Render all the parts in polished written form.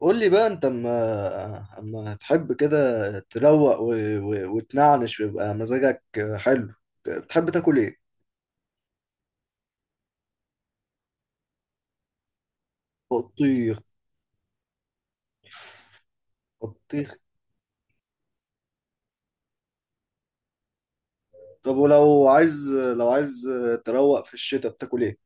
قول لي بقى، انت اما تحب كده تروق وتنعنش ويبقى مزاجك حلو. بتحب تاكل ايه؟ بطيخ؟ بطيخ؟ طب ولو عايز، لو عايز تروق في الشتاء، بتاكل ايه؟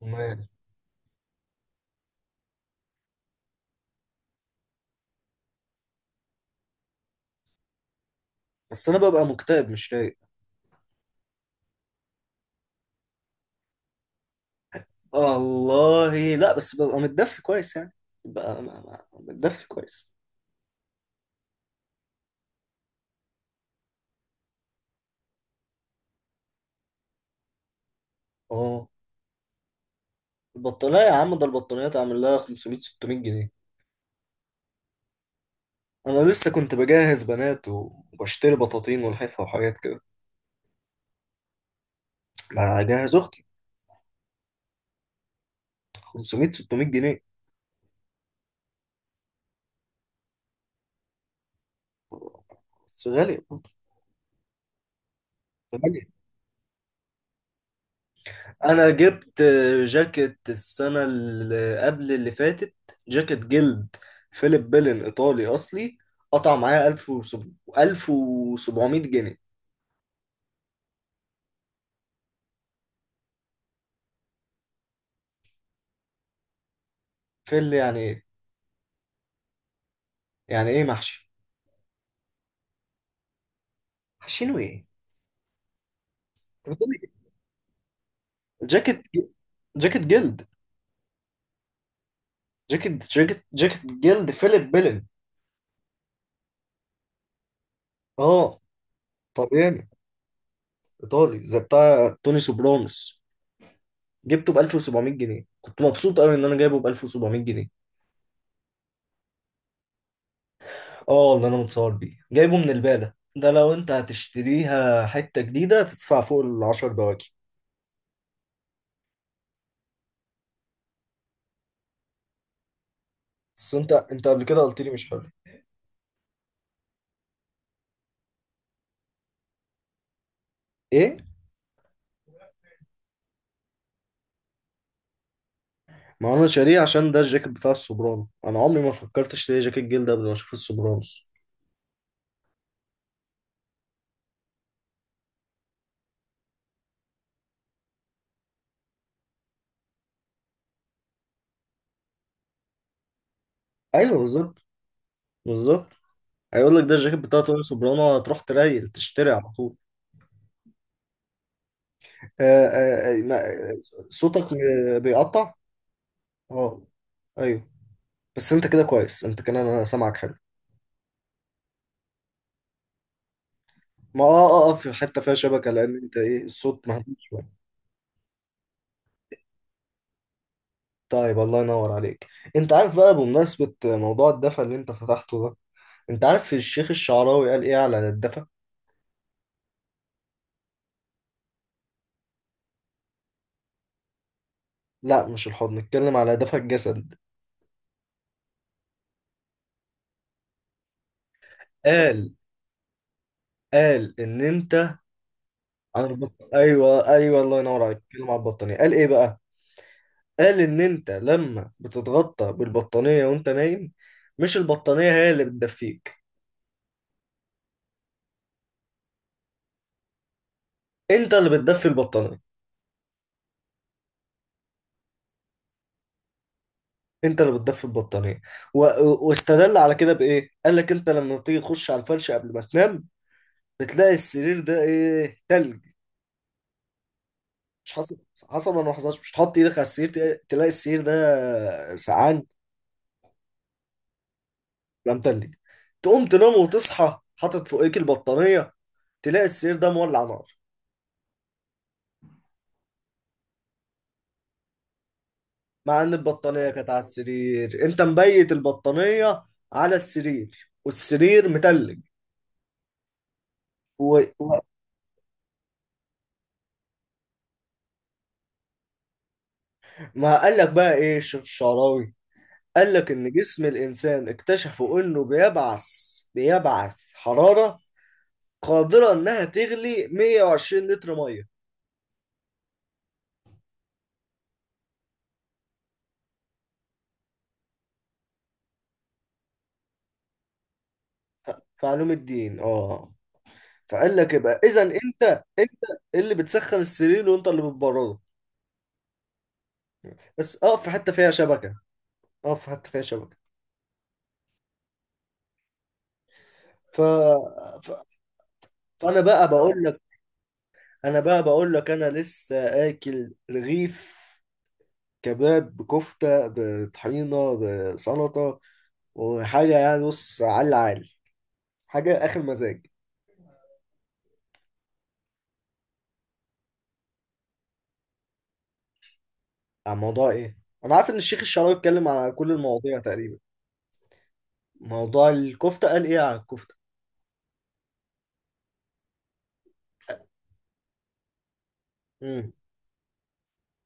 مال. بس انا ببقى مكتئب، مش رايق. والله لا، بس ببقى متدفي كويس يعني. ببقى متدفي كويس. اه. البطانية يا عم، ده البطانية تعمل لها 500 600 جنيه. انا لسه كنت بجهز بنات وبشتري بطاطين ولحفة وحاجات. اجهز اختي. 500 600 جنيه. بس غالية برضه. غالية. انا جبت جاكيت السنة اللي قبل اللي فاتت. جاكيت جلد فيليب بيلن ايطالي اصلي. قطع معايا 1700 جنيه. في اللي يعني ايه؟ يعني ايه محشي؟ محشينه ايه؟ أنت بتقول إيه؟ جاكيت ج- جاكيت جلد. جاكيت جلد فيليب بيلن. اه. طب يعني. ايطالي زي بتاع توني سوبرانوس. جبته ب 1700 جنيه، كنت مبسوط قوي ان انا جايبه ب 1700 جنيه. اه، اللي انا متصور بيه جايبه من البالة. ده لو انت هتشتريها حتة جديدة تدفع فوق ال 10 بواكي. بس انت قبل كده قلت لي مش حلو. ايه؟ ما انا شاريه عشان ده الجاكيت بتاع السوبرانو. انا عمري ما فكرت اشتري جاكيت جلد قبل ما اشوف السوبرانوس. ايوه بالظبط. بالظبط. هيقول لك ده الجاكيت بتاع توني سوبرانو، هتروح تريل تشتري على طول. آه آه آه ما- صوتك بيقطع. اه. ايوه. بس انت كده كويس، انت كده انا سامعك حلو. ما اه اه اه، في حته فيها شبكه، لان انت ايه، الصوت مهدي شويه. طيب الله ينور عليك. انت عارف بقى، بمناسبه موضوع الدفا اللي انت فتحته ده، انت عارف الشيخ الشعراوي قال ايه على الدفا؟ لا، مش الحضن، نتكلم على دفا الجسد. قال قال ان انت. على البط... ايوه ايوه، الله ينور عليك، اتكلم على البطانيه. قال ايه بقى؟ قال ان انت لما بتتغطى بالبطانيه وانت نايم، مش البطانيه هي اللي بتدفيك. انت اللي بتدفي البطانيه. انت اللي بتدفي البطانيه واستدل على كده بايه. قال لك انت لما تيجي تخش على الفرش قبل ما تنام، بتلاقي السرير ده ايه؟ تلج. مش حصل؟ حصل ولا ما حصلش؟ مش تحط ايدك على السرير، تلاقي السرير ده سقعان؟ لا، متلج. تقوم تنام وتصحى حاطط فوقيك البطانيه، تلاقي السرير ده مولع نار. مع ان البطانيه كانت على السرير. انت مبيت البطانيه على السرير والسرير متلج و... و... ما قال لك بقى ايه الشيخ الشعراوي؟ قال لك إن جسم الإنسان اكتشفوا إنه بيبعث حرارة قادرة إنها تغلي 120 لتر مية. في علوم الدين، آه. فقال لك يبقى إذا أنت، أنت اللي بتسخن السرير وأنت اللي بتبرده. بس أقف في حتة فيها شبكة. أقف في حتة فيها شبكة. ف... ف... فأنا بقى بقول لك. أنا بقى بقول لك أنا لسه آكل رغيف كباب بكفتة بطحينة بسلطة وحاجة يعني، بص على العال، حاجة آخر مزاج. عن موضوع إيه؟ أنا عارف إن الشيخ الشعراوي اتكلم على كل المواضيع تقريبا. موضوع الكفتة، قال إيه على الكفتة؟ امم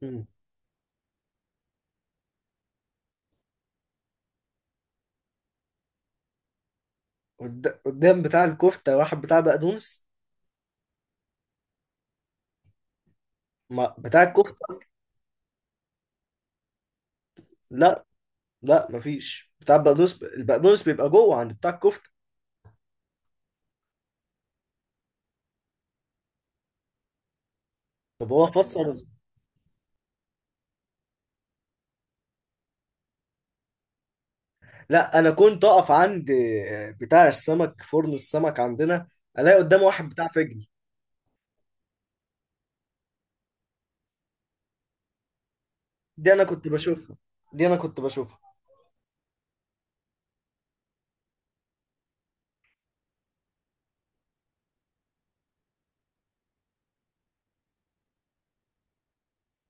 امم قدام بتاع الكفتة واحد بتاع بقدونس؟ ما بتاع الكفتة أصلا. لا، مفيش بتاع البقدونس. ب... البقدونس بيبقى جوه عند بتاع الكفتة. طب هو فسر؟ لا أنا كنت أقف عند بتاع السمك، فرن السمك عندنا، ألاقي قدام واحد بتاع فجل. دي أنا كنت بشوفها. دي أنا كنت بشوفها.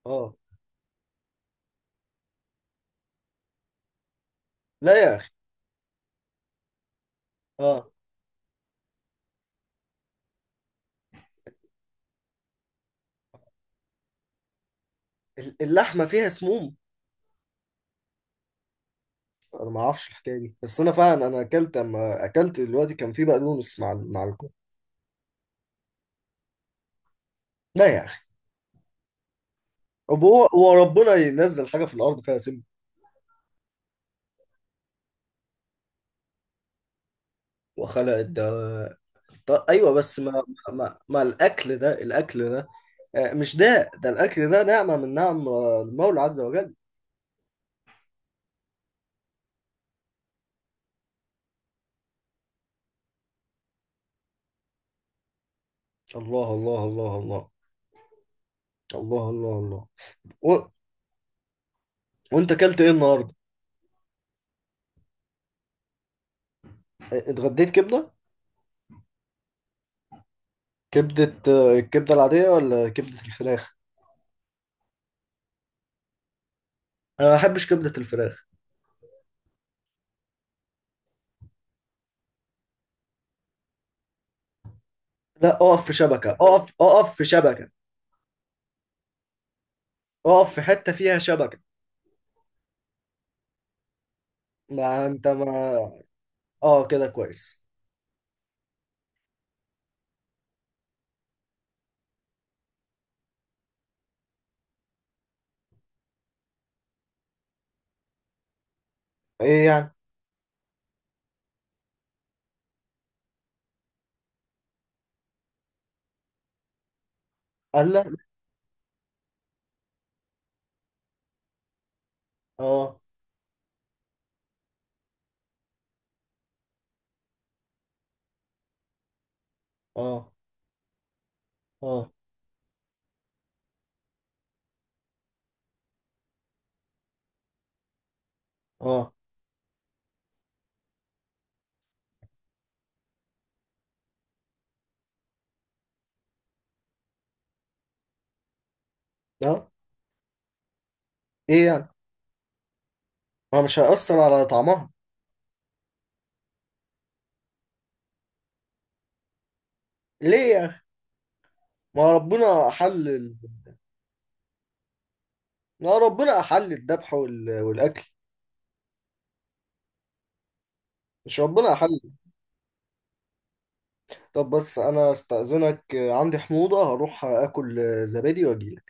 أه. لا يا أخي. أه. اللحمة فيها سموم. انا ما اعرفش الحكايه دي، بس انا فعلا انا اكلت اما اكلت دلوقتي كان في بقدونس مع الكوره. لا يا اخي. طب هو، هو ربنا ينزل حاجه في الارض فيها سم؟ وخلق الدواء. طب ايوه بس ما، الاكل ده، الاكل ده، مش ده، ده الاكل ده نعمه من نعم المولى عز وجل. الله الله الله الله. الله الله الله. و... وانت اكلت ايه النهارده؟ اتغديت كبده؟ كبده الكبده العاديه ولا كبده الفراخ؟ انا ما بحبش كبده الفراخ. لا اقف في شبكة. اقف اقف في شبكة. اقف في حتة فيها شبكة. ما انت ما. اه كده كويس. ايه يعني؟ قال لا. اه اه اه اه اه. ايه يعني؟ ما مش هيأثر على طعمها. ليه يا اخي؟ ما ربنا احل ال... ما ربنا احل الذبح وال... والاكل. مش ربنا احل؟ طب بس انا استأذنك، عندي حموضة، هروح اكل زبادي واجي.